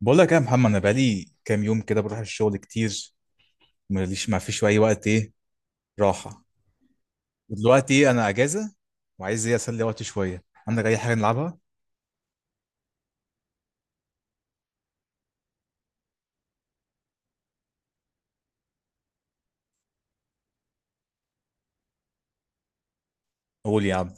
بقول لك إيه يا محمد، انا بقالي كام يوم كده بروح الشغل كتير. ماليش، ما فيش اي وقت ايه راحه. ودلوقتي انا اجازه وعايز ايه، اسلي وقتي شويه. عندك اي حاجه نلعبها؟ قول يا عم.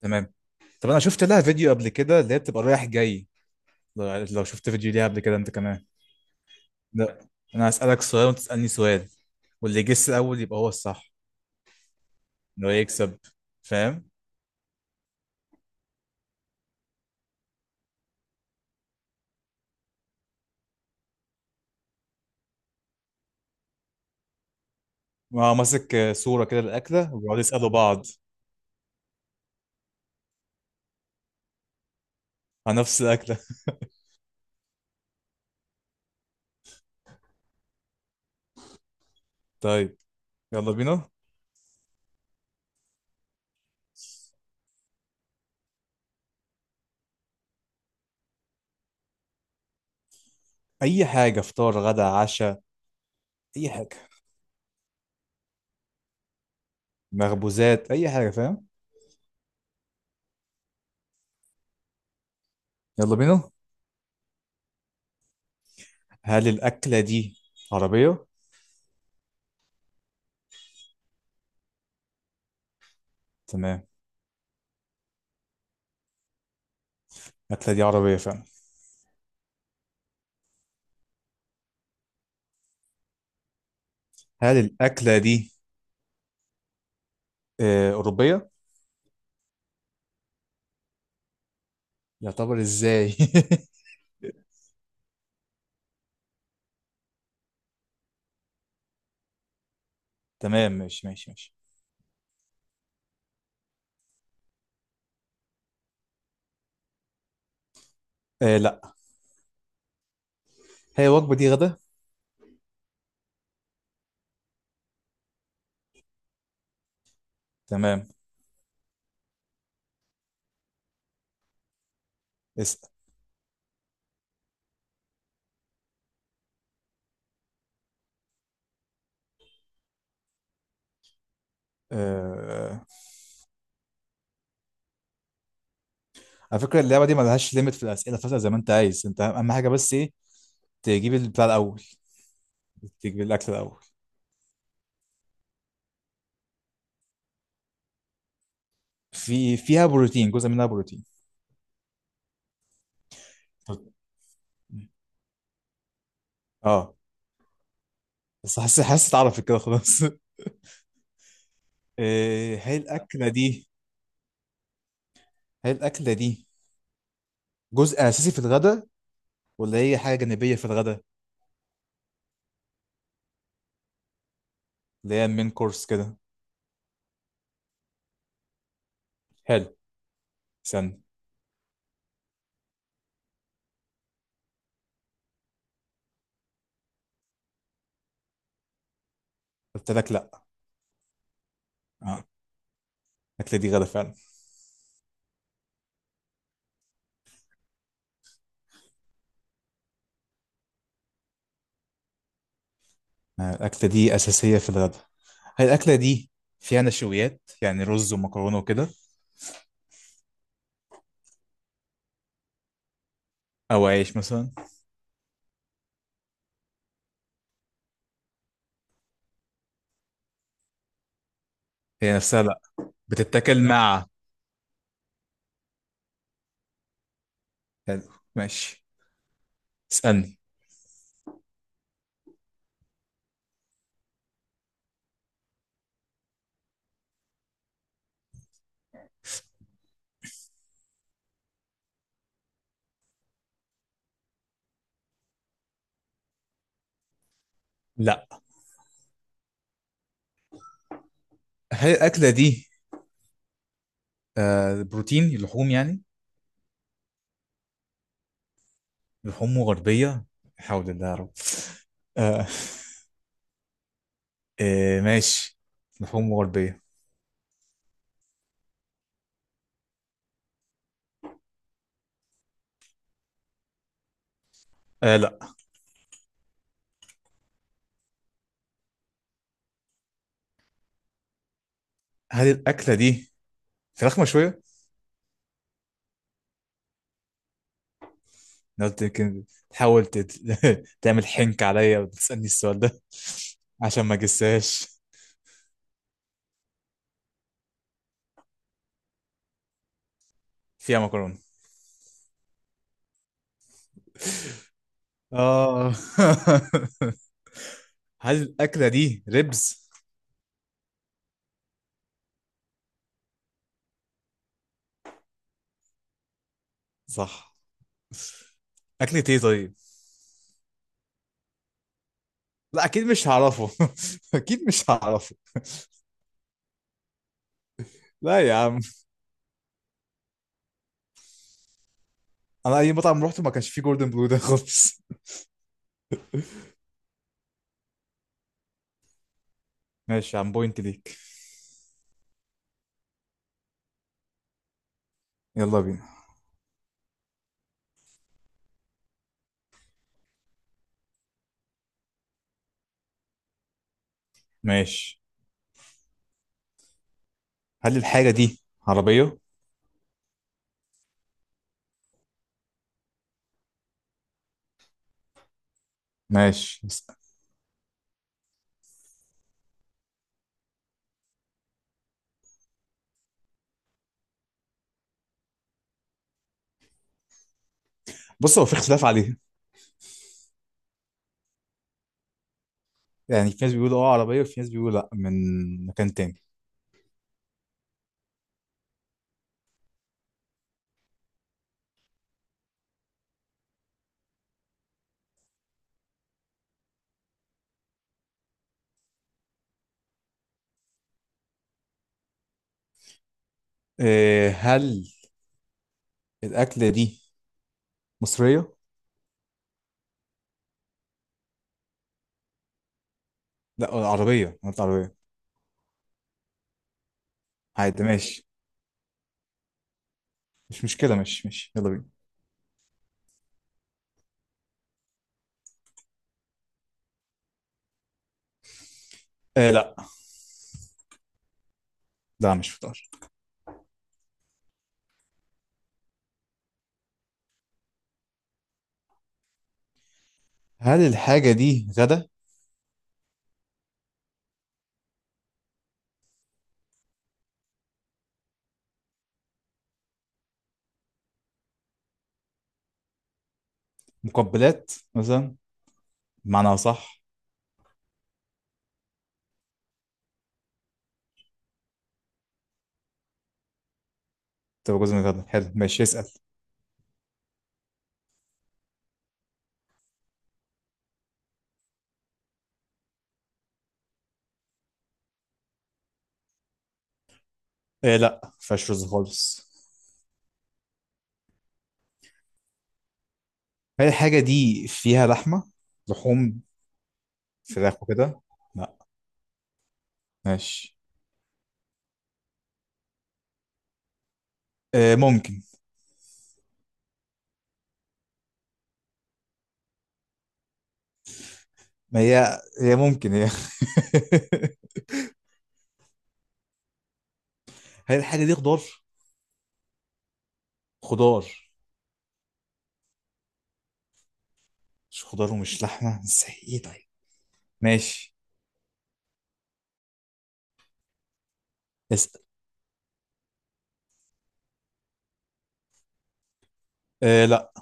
تمام، طب انا شفت لها فيديو قبل كده، اللي هي بتبقى رايح جاي. لو شفت فيديو ليها قبل كده انت كمان. لا، انا هسالك سؤال وانت تسالني سؤال، واللي يجس الاول يبقى هو الصح، اللي هو يكسب. فاهم؟ ما ماسك صوره كده الاكله وبيقعدوا يسالوا بعض عن نفس الاكله. طيب، يلا بينا. اي حاجه، فطار غدا عشاء، اي حاجه، مخبوزات اي حاجه، فاهم؟ يلا بينا. هل الاكله دي عربيه؟ تمام، الاكله دي عربيه فعلا. هل الاكله دي اوروبيه؟ يعتبر ازاي؟ تمام، ماشي ماشي ماشي. آه لا، هي الوجبه دي غدا. تمام، اسال. آه، على فكره اللعبه دي ما لهاش ليميت في الاسئله، فاسال زي ما انت عايز، انت اهم حاجه بس ايه؟ تجيب البتاع الاول، تجيب الاكل الاول. في، فيها بروتين، جزء منها بروتين. طب- اه، بس حاسس حاسس اتعرفت كده خلاص. هي الأكلة دي، هي الأكلة دي جزء أساسي في الغداء ولا هي حاجة جانبية في الغداء؟ اللي هي المين كورس كده. حلو، استنى. قلت لك لأ. اه، الأكلة دي غدا فعلا. الأكلة دي أساسية في الغداء. هي الأكلة دي فيها نشويات يعني رز ومكرونة وكده، أو عيش مثلا؟ هي نفسها لأ، بتتاكل مع. حلو، ماشي، اسألني. لأ. هي الأكلة دي آه بروتين لحوم يعني، لحوم غربية. حول الله يا رب. آه. آه ماشي، لحوم غربية. آه لا. هل الأكلة دي فراخ مشوية؟ أنا قلت يمكن تحاول تت... تعمل حنك عليا وتسألني السؤال ده. عشان ما جساش. فيها مكرونة. آه. هل الأكلة دي ريبز؟ صح. أكلة إيه طيب؟ لا أكيد مش هعرفه. أكيد مش هعرفه. لا يا عم، أنا أي مطعم روحته ما كانش فيه جوردن بلو ده خالص. ماشي يا عم، بوينت ليك. يلا بينا. ماشي. هل الحاجة دي عربية؟ ماشي، بص هو في اختلاف عليها. يعني في ناس بيقولوا اه عربية، وفي ناس بيقولوا لا، من مكان تاني. إيه، هل الأكلة دي مصرية؟ لا عربية، أنا قلت عربية. عادي ماشي، مش مشكلة، ماشي ماشي، يلا بينا. إيه لا. لا مش فطار. هل الحاجة دي غدا، مقبلات مثلا، بمعنى صح؟ تبقى جزء من الغدا، حلو ماشي، اسأل. إيه لا، مفيهاش رز خالص. هل الحاجة دي فيها لحمة، لحوم، فراخ وكده؟ لا، ماشي. إيه، ممكن. ما هي هي ممكن هي. هل الحاجة دي خضار؟ خضار. مش خضار ومش لحمة، ازاي ايه طيب؟ ماشي، اسأل. آه لا.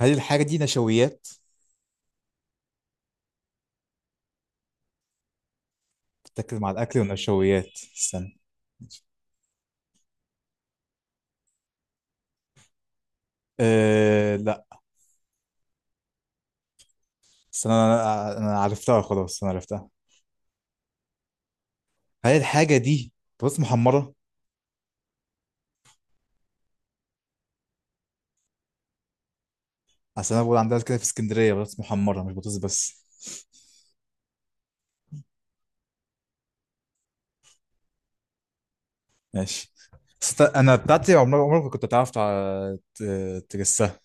هل الحاجة دي نشويات؟ بتاكل مع الأكل والنشويات. استنى. آه لا. استنى، أنا عرفتها خلاص، أنا عرفتها. هل الحاجة دي بطاطس محمرة؟ أصل أنا بقول عندنا كده في اسكندرية بطاطس محمرة، مش بطاطس بس. ماشي. أنا بتاعتي عمرك عمرك ما كنت تعرف تجسها.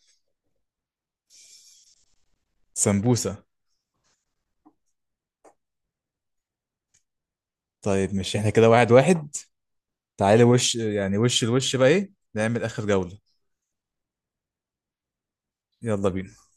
سمبوسة. طيب مش احنا كده واحد واحد، تعالي وش، يعني وش الوش بقى ايه، نعمل اخر جولة. يلا بينا.